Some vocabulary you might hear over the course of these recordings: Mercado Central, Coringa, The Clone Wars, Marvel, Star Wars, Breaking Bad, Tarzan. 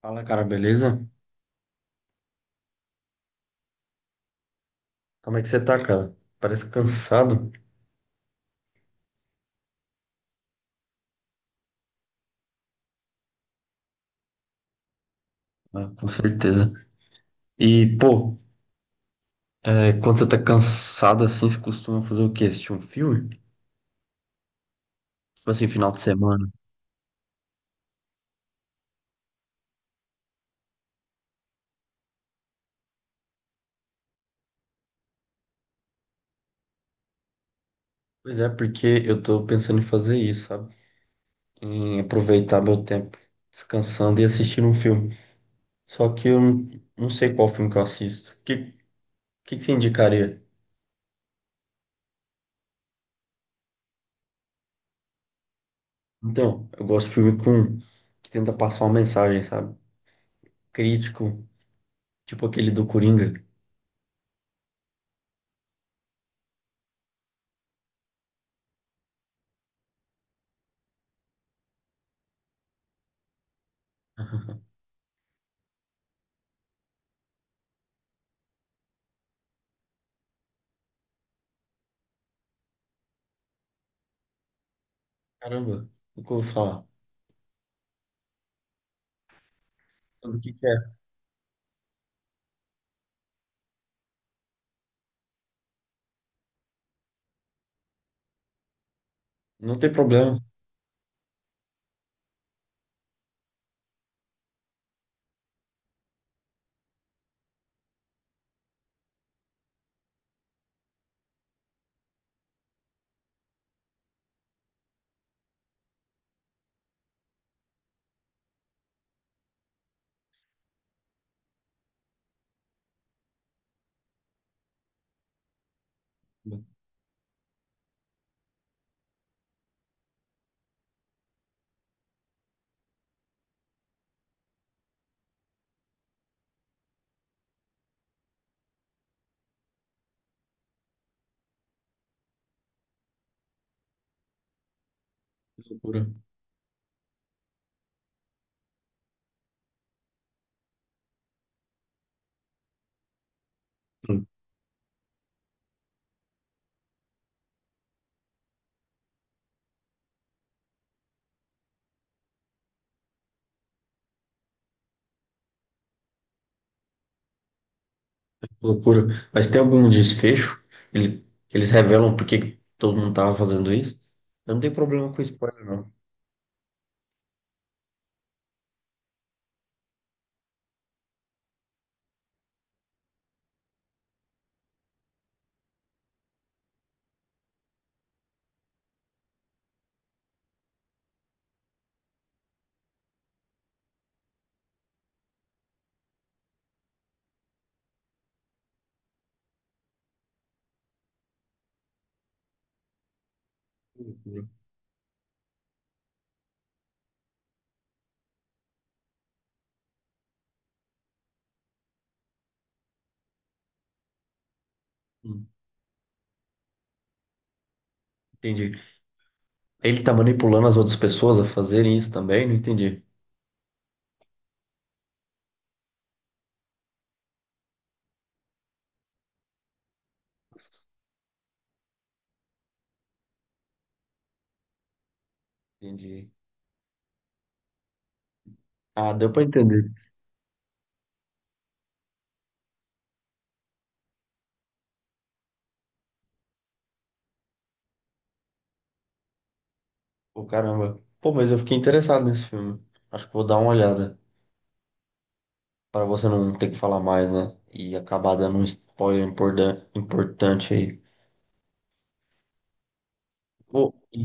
Fala, cara, beleza? Como é que você tá, cara? Parece cansado. Ah, com certeza. E, pô, quando você tá cansado assim, você costuma fazer o quê? Assistir um filme? Tipo assim, final de semana. Pois é, porque eu tô pensando em fazer isso, sabe? Em aproveitar meu tempo descansando e assistindo um filme. Só que eu não sei qual filme que eu assisto. O que você indicaria? Então, eu gosto de filme que tenta passar uma mensagem, sabe? Crítico, tipo aquele do Coringa. Caramba, nunca ouvi falar. Sobre o que que é? Não tem problema. Que loucura. Que Loucura. Mas tem algum desfecho? Ele- Eles revelam por que que todo mundo tava fazendo isso? Eu não tenho problema com spoiler, não. Que loucura. Hum, Entendi. Ele tá manipulando as outras pessoas a fazerem isso também? Não entendi. Entendi. Ah, deu pra entender. Pô, caramba. Pô, mas eu fiquei interessado nesse filme. Acho que vou dar uma olhada. Pra você não ter que falar mais, né? E acabar dando um importante aí. Pô, e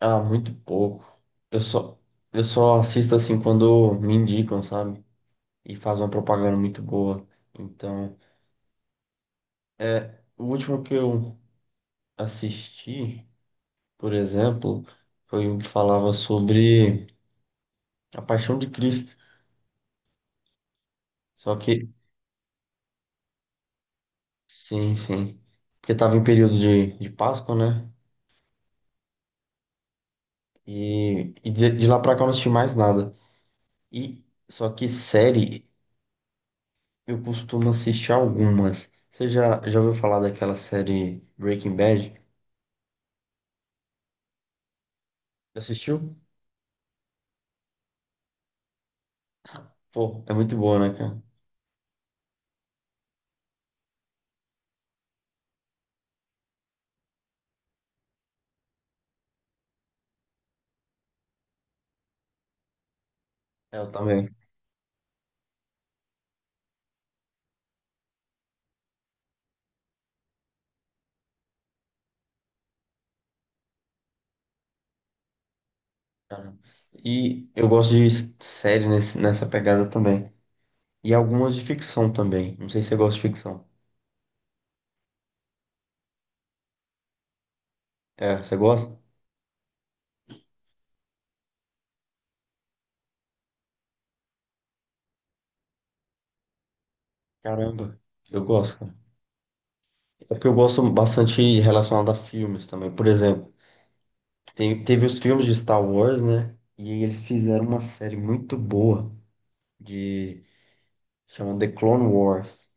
Ah, muito pouco. Eu só, eu só assisto assim quando me indicam, sabe? E faz uma propaganda muito boa. Então, o último que eu assisti, por exemplo, foi um que falava sobre a Paixão de Cristo. Só que, sim, sim. Porque tava em período de Páscoa, né? E de lá pra cá eu não assisti mais nada. E só que série, eu costumo assistir algumas. Você já ouviu falar daquela série Breaking Bad? Já assistiu? Pô, é muito boa, né, cara? É, eu também. Cara, e eu gosto de série nessa pegada também. E algumas de ficção também. Não sei se você gosta de ficção. É, você gosta? Caramba, eu gosto, cara. É porque eu gosto bastante relacionado a filmes também. Por exemplo, teve os filmes de Star Wars, né? E eles fizeram uma série muito boa de... Chama The Clone Wars.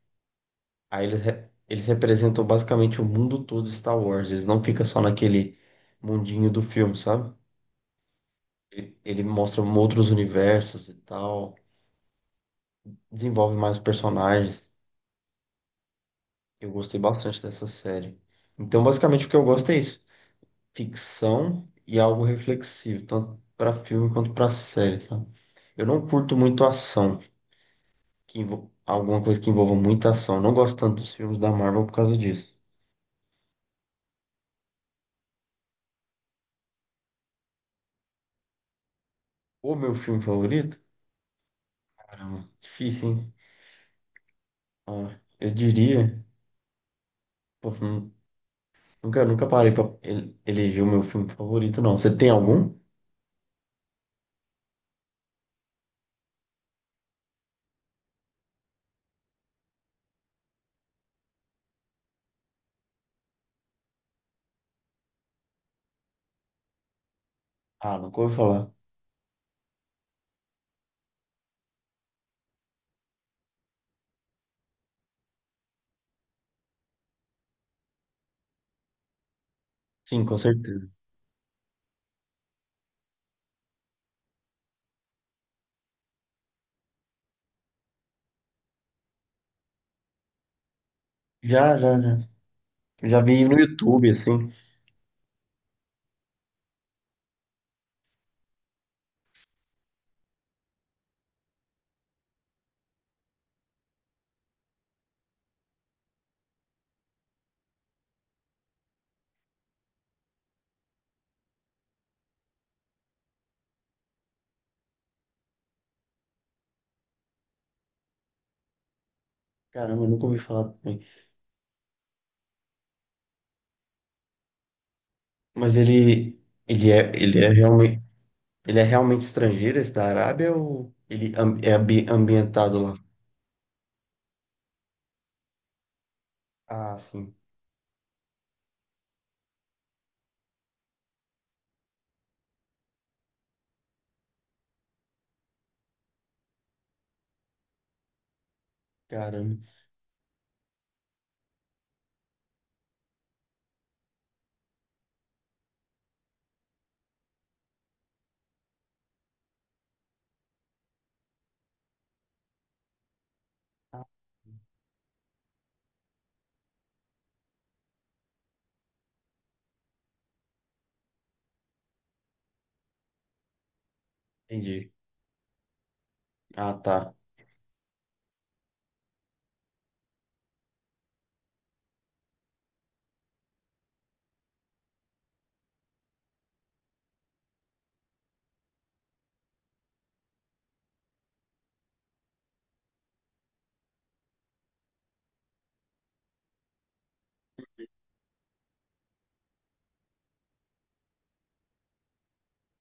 Aí eles, eles representam basicamente o mundo todo de Star Wars. Eles não ficam só naquele mundinho do filme, sabe? Ele mostra um outros universos e tal. Desenvolve mais personagens. Eu gostei bastante dessa série. Então, basicamente, o que eu gosto é isso. Ficção e algo reflexivo, tanto pra filme quanto pra série, sabe? Eu não curto muito ação, que alguma coisa que envolva muita ação. Eu não gosto tanto dos filmes da Marvel por causa disso. O meu filme favorito? Caramba, difícil, hein? Ah, eu diria. Pô, nunca parei pra eleger o meu filme favorito, não. Você tem algum? Ah, nunca ouvi falar. Sim, com certeza. Já. Já vi no YouTube, assim. Caramba, eu nunca ouvi falar também. Mas ele, ele é, ele é realmente, ele é realmente estrangeiro, esse da Arábia, ou ele am- é ambi- ambientado lá? Ah, sim. Caramba, entendi. Ah, tá.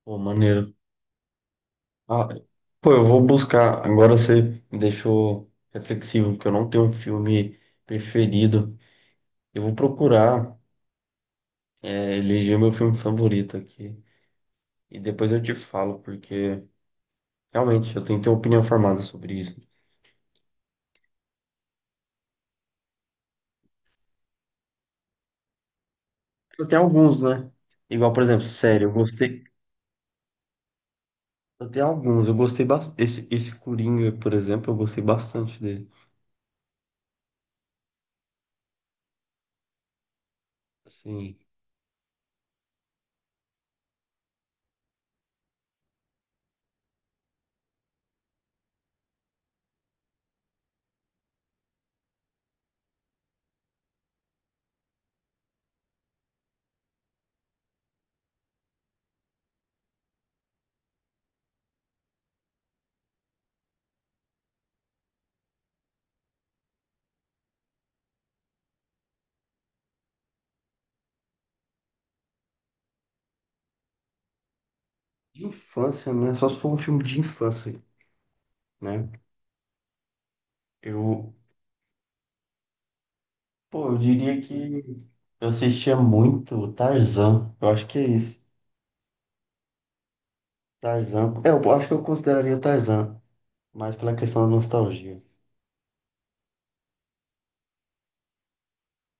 Pô, maneiro. Ah, pô, eu vou buscar. Agora você me deixou reflexivo, porque eu não tenho um filme preferido. Eu vou procurar, é, eleger meu filme favorito aqui. E depois eu te falo, porque realmente eu tenho que ter opinião formada sobre isso. Eu tenho alguns, né? Igual, por exemplo, sério, eu gostei. Eu tenho alguns, eu gostei bastante. Esse Coringa, por exemplo, eu gostei bastante dele. Assim, de infância, né? Só se for um filme de infância, né? Eu, pô, eu diria que. Eu assistia muito Tarzan. Eu acho que é isso. Tarzan. É, eu acho que eu consideraria Tarzan, mas pela questão da nostalgia.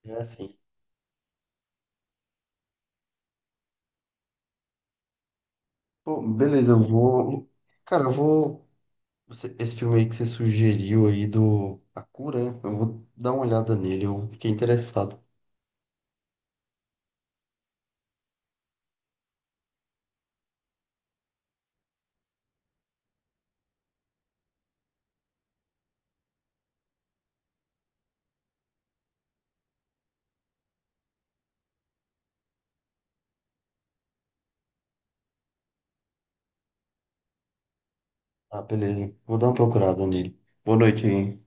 É assim. Pô, beleza, eu vou. Cara, eu vou. Esse filme aí que você sugeriu aí do A Cura, né? Eu vou dar uma olhada nele. Eu fiquei interessado. Ah, beleza. Vou dar uma procurada nele. Boa noite, hein?